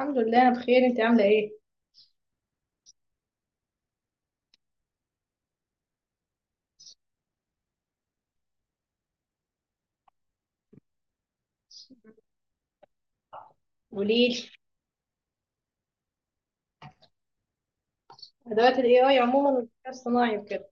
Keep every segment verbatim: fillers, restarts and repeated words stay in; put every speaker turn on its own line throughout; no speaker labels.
الحمد لله، انا بخير. انت عامله ايه؟ قوليلي. ادوات الاي اي عموما والذكاء الصناعي وكده.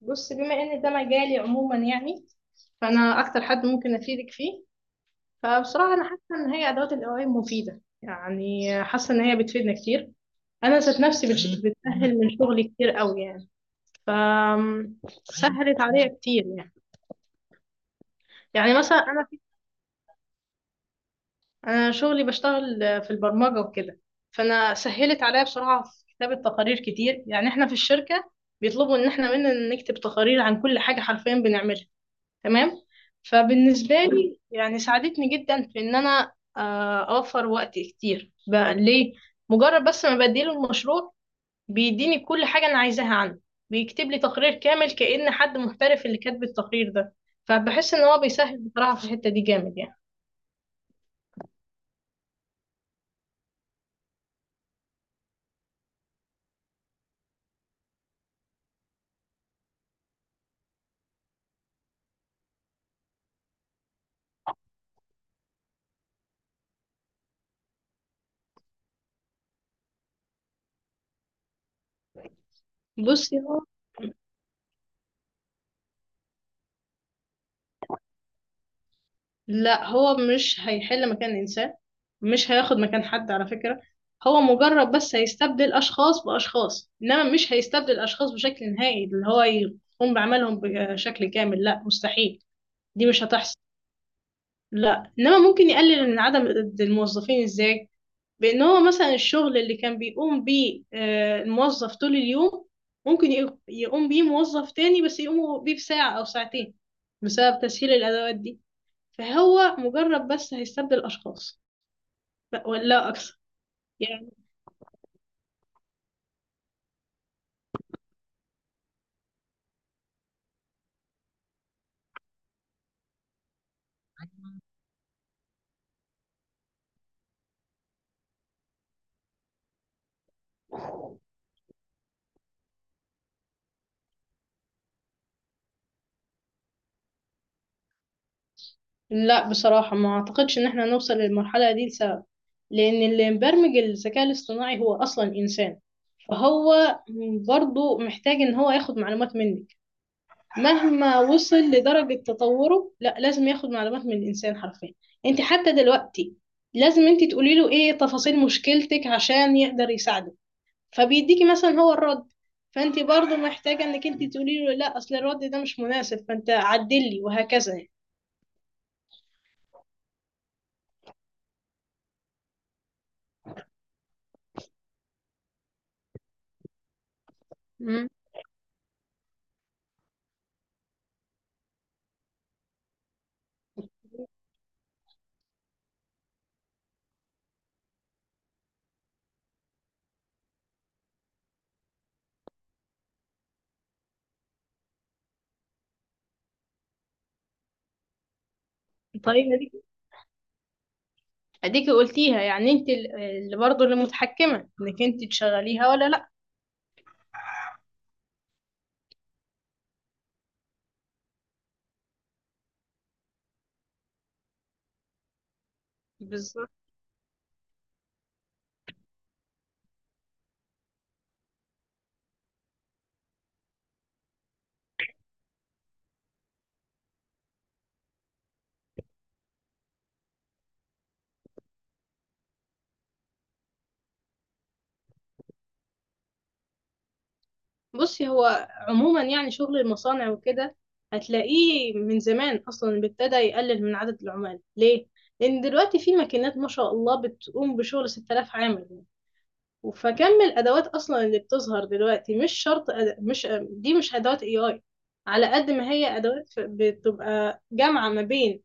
بص، بما ان ده مجالي عموما يعني فانا اكتر حد ممكن افيدك فيه. فبصراحه انا حاسه ان هي ادوات الاي اي مفيده، يعني حاسه ان هي بتفيدنا كتير. انا ذات نفسي بتش- بتسهل من شغلي كتير قوي يعني. ف سهلت عليا كتير يعني. يعني مثلا انا انا شغلي بشتغل في البرمجه وكده. فانا سهلت عليا بصراحه في كتابه تقارير كتير. يعني احنا في الشركه بيطلبوا ان احنا مننا نكتب تقارير عن كل حاجه حرفيا بنعملها، تمام؟ فبالنسبه لي يعني ساعدتني جدا في ان انا آه، اوفر وقت كتير بقى ليه. مجرد بس ما بديله المشروع بيديني كل حاجه انا عايزاها عنه، بيكتب لي تقرير كامل كأن حد محترف اللي كاتب التقرير ده. فبحس ان هو بيسهل بصراحه في الحته دي جامد يعني. بصي هو، لا، هو مش هيحل مكان إنسان. مش هياخد مكان حد على فكرة. هو مجرد بس هيستبدل أشخاص بأشخاص، إنما مش هيستبدل أشخاص بشكل نهائي اللي هو يقوم بعملهم بشكل كامل، لا مستحيل. دي مش هتحصل. لا إنما ممكن يقلل من عدم الموظفين. إزاي؟ بإن هو مثلا الشغل اللي كان بيقوم بيه آه، الموظف طول اليوم، ممكن يق- يقوم بيه موظف تاني بس يقوم بيه بساعة أو ساعتين بسبب تسهيل الأدوات دي. فهو مجرد بس هيستبدل أشخاص لا- ولا أكثر يعني. لا بصراحة ما أعتقدش إن احنا نوصل للمرحلة دي لسبب، لأن اللي مبرمج الذكاء الاصطناعي هو أصلا إنسان. فهو برضه محتاج إن هو ياخد معلومات منك. مهما وصل لدرجة تطوره، لا، لازم ياخد معلومات من الإنسان حرفيا. أنت حتى دلوقتي لازم أنت تقولي له إيه تفاصيل مشكلتك عشان يقدر يساعدك. فبيديكي مثلا هو الرد، فانت برضو محتاجة انك انت تقولي له لا اصل الرد ده مش مناسب فانت عدلي، وهكذا يعني. مم. الطريقة دي اديكي قلتيها، يعني انت ال- اللي برضو اللي متحكمة انك انت تشغليها ولا لا. بالظبط. بصي هو عموما يعني شغل المصانع وكده هتلاقيه من زمان اصلا ابتدى يقلل من عدد العمال. ليه؟ لان دلوقتي في ماكينات ما شاء الله بتقوم بشغل ستة الاف عامل. فكم الادوات اصلا اللي بتظهر دلوقتي مش شرط أد... مش دي مش ادوات اي اي، على قد ما هي ادوات، ف- بتبقى جامعه ما بين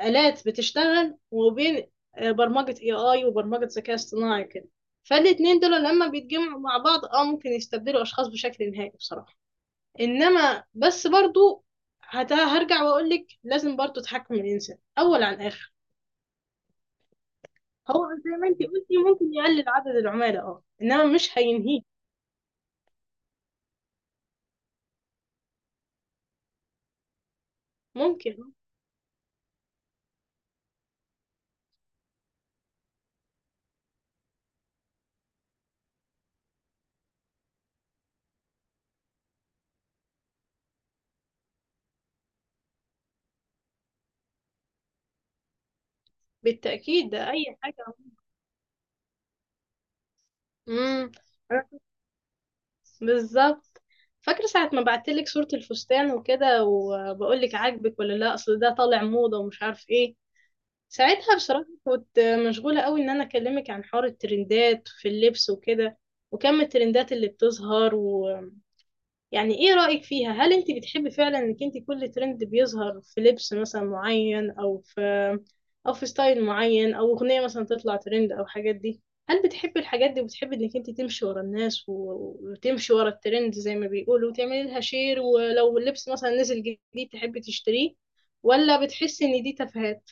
الات بتشتغل وبين آه، برمجه اي اي وبرمجه ذكاء اصطناعي كده. فالاتنين دول لما بيتجمعوا مع بعض اه ممكن يستبدلوا اشخاص بشكل نهائي بصراحه. انما بس برضو هت... هرجع واقول لك لازم برضو تحكم الانسان اول عن اخر. هو زي ما انت قلتي ممكن يقلل عدد العملاء، اه، انما مش هينهيه. ممكن. بالتأكيد ده أي حاجة. امم، بالظبط. فاكرة ساعة ما بعتلك صورة الفستان وكده وبقولك عاجبك ولا لا؟ أصل ده طالع موضة ومش عارف ايه. ساعتها بصراحة كنت مشغولة قوي إن أنا أكلمك عن حوار الترندات في اللبس وكده، وكم الترندات اللي بتظهر. يعني ايه رأيك فيها؟ هل انت بتحبي فعلا انك انت كل ترند بيظهر في لبس مثلا معين او في، او في ستايل معين، او اغنية مثلا تطلع ترند او حاجات دي؟ هل بتحبي الحاجات دي وبتحبي انك انت تمشي ورا الناس و- وتمشي ورا الترند زي ما بيقولوا وتعملي لها شير، ولو اللبس مثلا نزل جديد تحبي تشتريه؟ ولا بتحسي ان دي تفاهات؟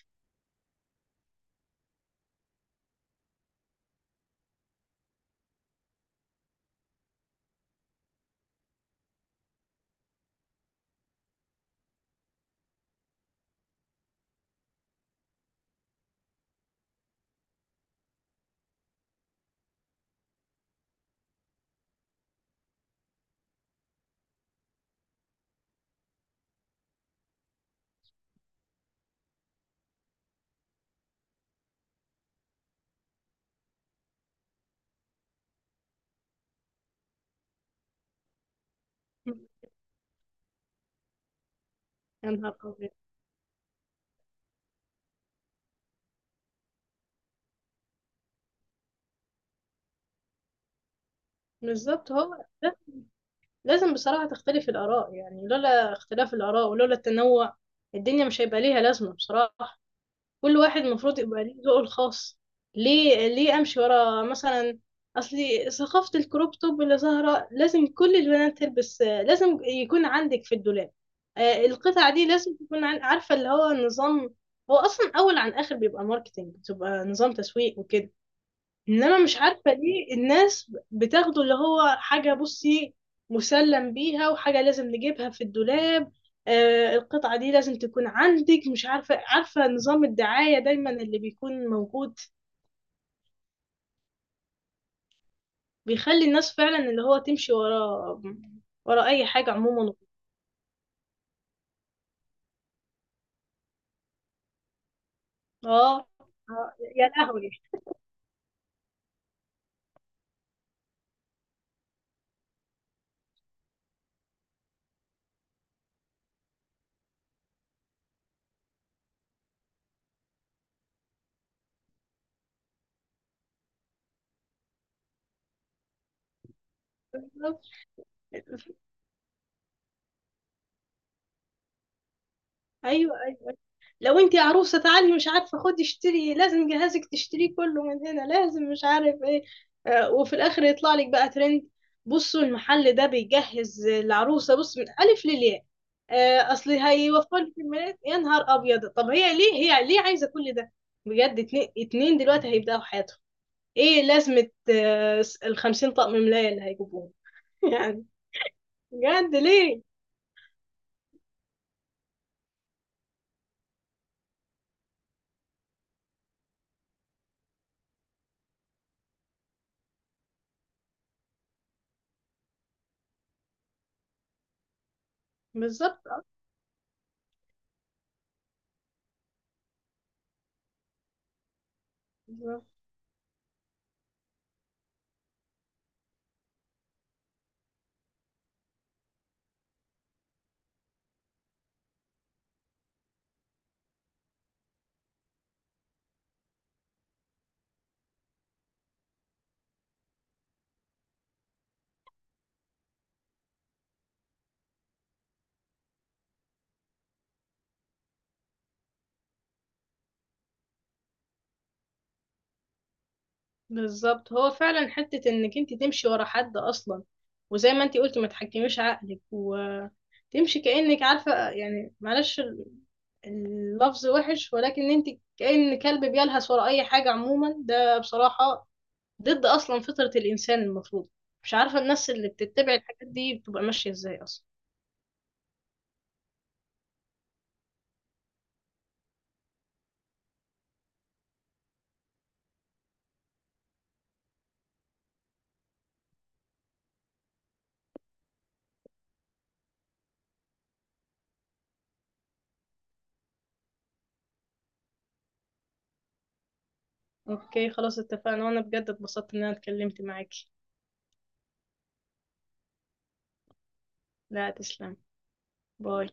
يا نهار أبيض. بالظبط، هو ده. لازم بصراحة تختلف الآراء، يعني لولا اختلاف الآراء ولولا التنوع الدنيا مش هيبقى ليها لازمة بصراحة. كل واحد المفروض يبقى ليه ذوقه الخاص. ليه، ليه امشي ورا مثلا اصلي ثقافة الكروب توب اللي ظاهرة لازم كل البنات تلبس، لازم يكون عندك في الدولاب آه، القطعة دي، لازم تكون عن- عارفة اللي هو نظام. هو اصلا اول عن اخر بيبقى ماركتينج، بتبقى نظام تسويق وكده. انما مش عارفه ليه الناس بتاخده اللي هو حاجه، بصي، مسلم بيها وحاجه لازم نجيبها في الدولاب. آه القطعه دي لازم تكون عندك، مش عارفه، عارفه نظام الدعايه دايما اللي بيكون موجود بيخلي الناس فعلا اللي هو تمشي ورا، ورا اي حاجه عموما. اه. آه، يا لهوي. بالظبط. ايوه، لو انتي عروسة تعالي مش عارفة خدي اشتري، لازم جهازك تشتريه كله من هنا، لازم مش عارف ايه. آه، وفي الاخر يطلع لك بقى ترند: بصوا المحل ده بيجهز العروسة بص من الف للياء. آه، اصل هيوفر لك الميلاد. يا نهار ابيض، طب هي ليه، هي ليه عايزة كل ده؟ بجد، اتنين, اتنين دلوقتي هيبدأوا حياتهم، ايه لازمة آه، الخمسين طقم ملاية اللي هيجيبوهم؟ يعني بجد ليه؟ بالظبط. آه. بالظبط، هو فعلا حتة انك انت تمشي ورا حد اصلا، وزي ما انت قلتي ما تحكميش عقلك وتمشي كأنك عارفة، يعني معلش ال- اللفظ وحش ولكن انت كأن كلب بيلهث ورا اي حاجة عموما. ده بصراحة ضد اصلا فطرة الانسان المفروض. مش عارفة الناس اللي بتتبع الحاجات دي بتبقى ماشية ازاي اصلا. اوكي خلاص، اتفقنا، وانا بجد اتبسطت ان انا اتكلمت معاكي. لا تسلم. باي.